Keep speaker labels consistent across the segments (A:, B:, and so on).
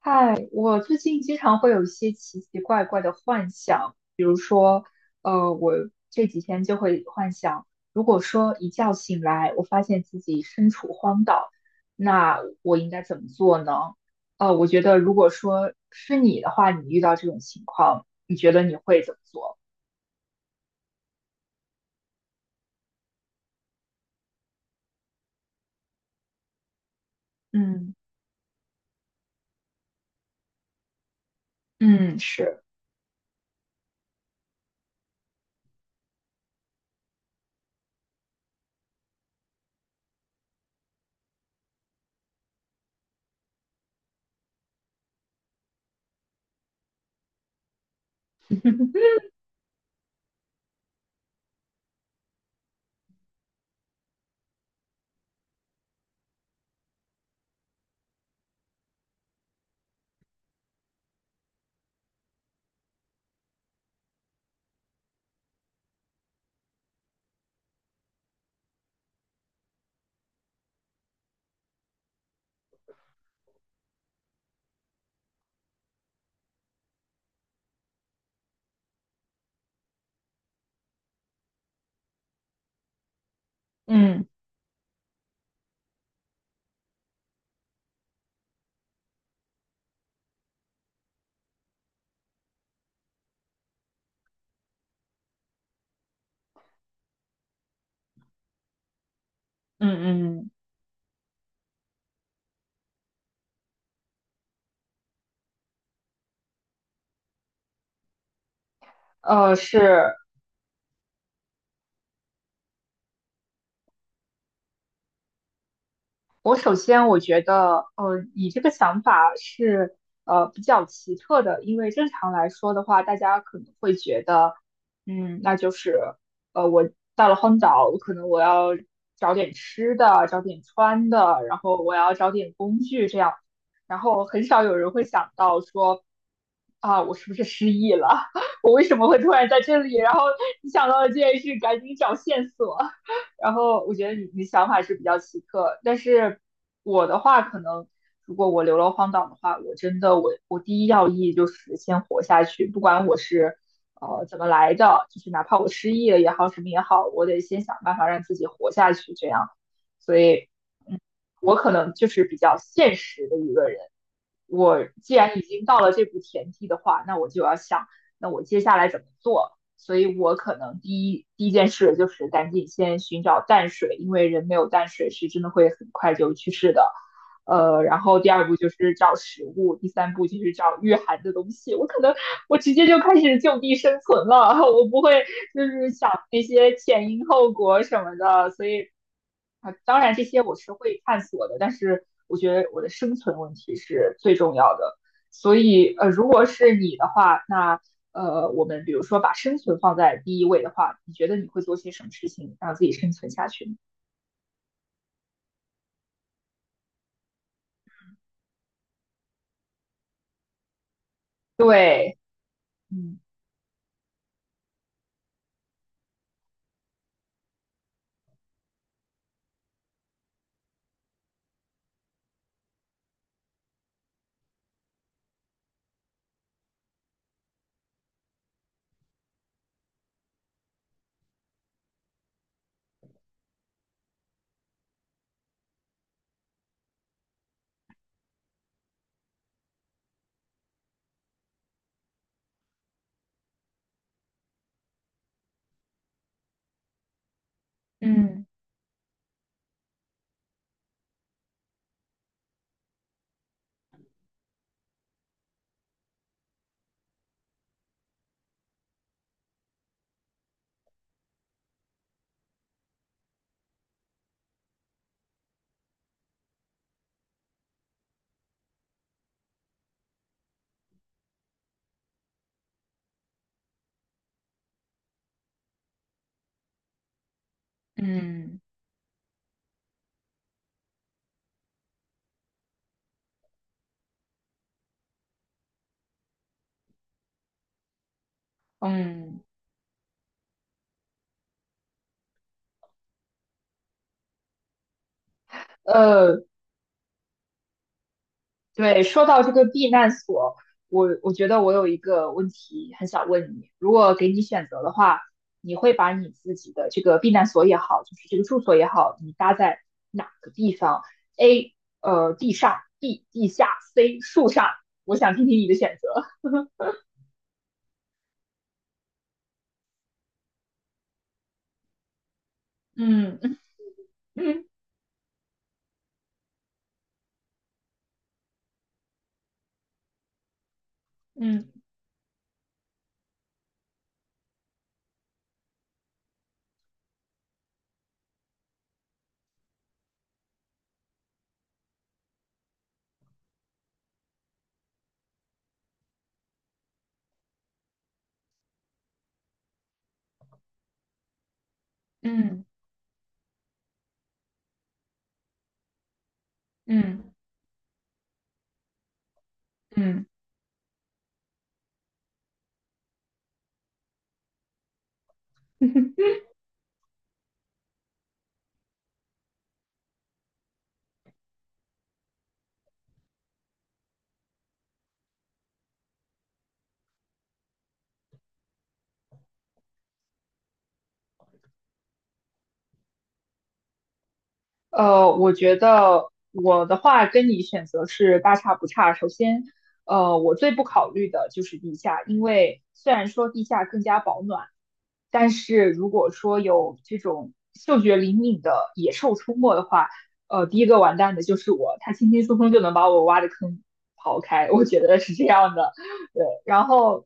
A: 嗨，我最近经常会有一些奇奇怪怪的幻想，比如说，我这几天就会幻想，如果说一觉醒来，我发现自己身处荒岛，那我应该怎么做呢？我觉得如果说是你的话，你遇到这种情况，你觉得你会怎么做？嗯嗯，是，嗯嗯嗯，呃，是，我首先我觉得，呃，你这个想法是比较奇特的，因为正常来说的话，大家可能会觉得，嗯，那就是我到了荒岛，我可能要找点吃的，找点穿的，然后我要找点工具这样，然后很少有人会想到说，啊，我是不是失忆了？我为什么会突然在这里？然后你想到了这件事，赶紧找线索。然后我觉得你想法是比较奇特，但是我的话，可能如果我流落荒岛的话，我真的我第一要义就是先活下去，不管我是怎么来的，就是哪怕我失忆了也好，什么也好，我得先想办法让自己活下去，这样。所以，嗯，我可能就是比较现实的一个人，我既然已经到了这步田地的话，那我就要想，那我接下来怎么做？所以我可能第一件事就是赶紧先寻找淡水，因为人没有淡水是真的会很快就去世的。然后第二步就是找食物，第三步就是找御寒的东西。我可能直接就开始就地生存了，我不会就是想那些前因后果什么的，所以啊，当然这些我是会探索的，但是我觉得我的生存问题是最重要的，所以如果是你的话，那我们比如说把生存放在第一位的话，你觉得你会做些什么事情让自己生存下去呢？对，嗯嗯嗯嗯，呃。对，说到这个避难所，我觉得我有一个问题很想问你，如果给你选择的话，你会把你自己的这个避难所也好，就是这个住所也好，你搭在哪个地方？A，呃，地上；B，地下；C，树上。我想听听你的选择。嗯嗯嗯嗯嗯嗯嗯。嗯嗯嗯 我觉得我的话跟你选择是大差不差。首先，我最不考虑的就是地下，因为虽然说地下更加保暖，但是如果说有这种嗅觉灵敏的野兽出没的话，第一个完蛋的就是我，它轻轻松松就能把我挖的坑刨开，我觉得是这样的。对，然后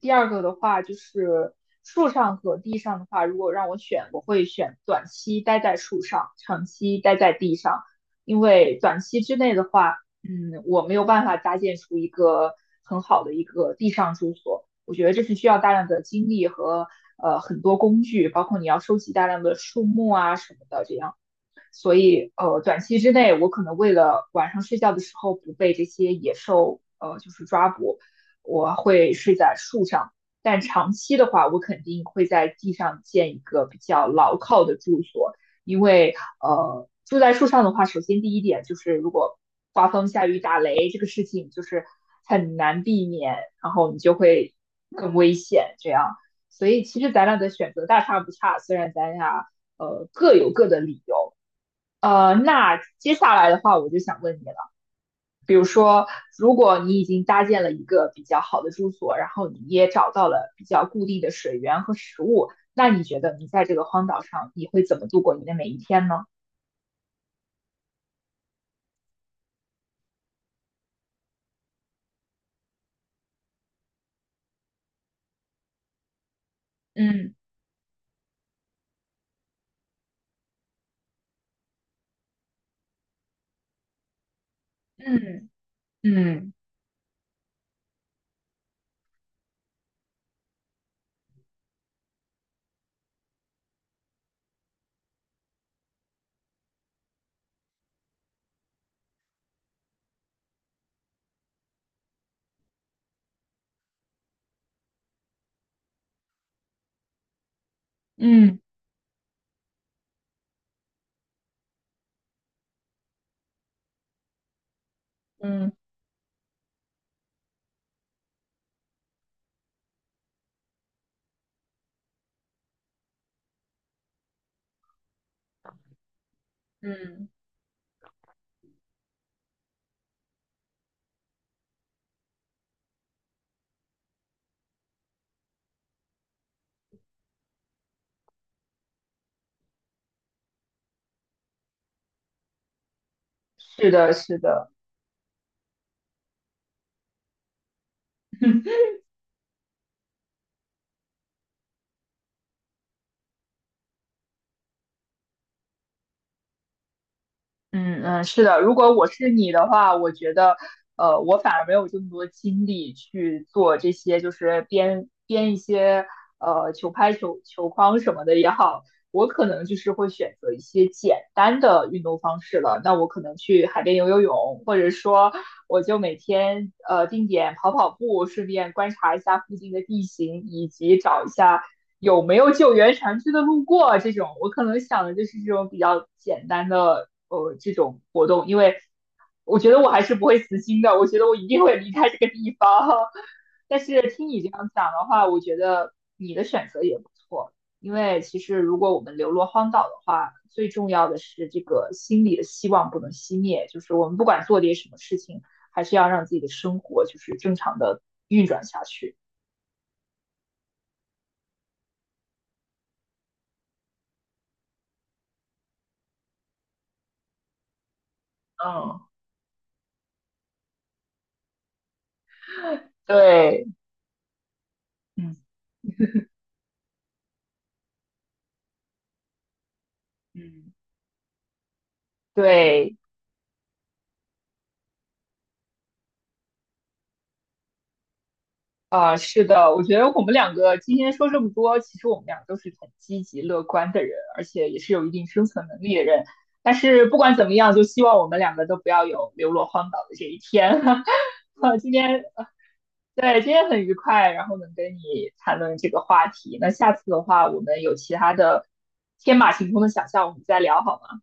A: 第二个的话就是树上和地上的话，如果让我选，我会选短期待在树上，长期待在地上，因为短期之内的话，嗯，我没有办法搭建出一个很好的一个地上住所。我觉得这是需要大量的精力和很多工具，包括你要收集大量的树木啊什么的这样。所以短期之内我可能为了晚上睡觉的时候不被这些野兽就是抓捕，我会睡在树上。但长期的话，我肯定会在地上建一个比较牢靠的住所，因为住在树上的话，首先第一点就是如果刮风下雨打雷这个事情就是很难避免，然后你就会更危险这样。所以其实咱俩的选择大差不差，虽然咱俩各有各的理由。那接下来的话，我就想问你了，比如说，如果你已经搭建了一个比较好的住所，然后你也找到了比较固定的水源和食物，那你觉得你在这个荒岛上，你会怎么度过你的每一天呢？嗯嗯嗯嗯嗯嗯，是的，是的，嗯嗯，是的，如果我是你的话，我觉得，我反而没有这么多精力去做这些，就是编一些球拍、球框什么的也好，我可能就是会选择一些简单的运动方式了。那我可能去海边游游泳，或者说我就每天定点跑跑步，顺便观察一下附近的地形，以及找一下有没有救援船只的路过啊这种，我可能想的就是这种比较简单的这种活动，因为我觉得我还是不会死心的，我觉得我一定会离开这个地方。但是听你这样讲的话，我觉得你的选择也不错，因为其实如果我们流落荒岛的话，最重要的是这个心里的希望不能熄灭，就是我们不管做点什么事情，还是要让自己的生活就是正常的运转下去。嗯对，嗯。嗯。对，啊、是的，我觉得我们两个今天说这么多，其实我们俩都是很积极乐观的人，而且也是有一定生存能力的人。但是不管怎么样，就希望我们两个都不要有流落荒岛的这一天。哈，今天，对，今天很愉快，然后能跟你谈论这个话题。那下次的话，我们有其他的天马行空的想象，我们再聊好吗？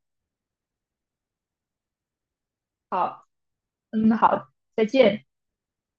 A: 好，嗯，好，再见。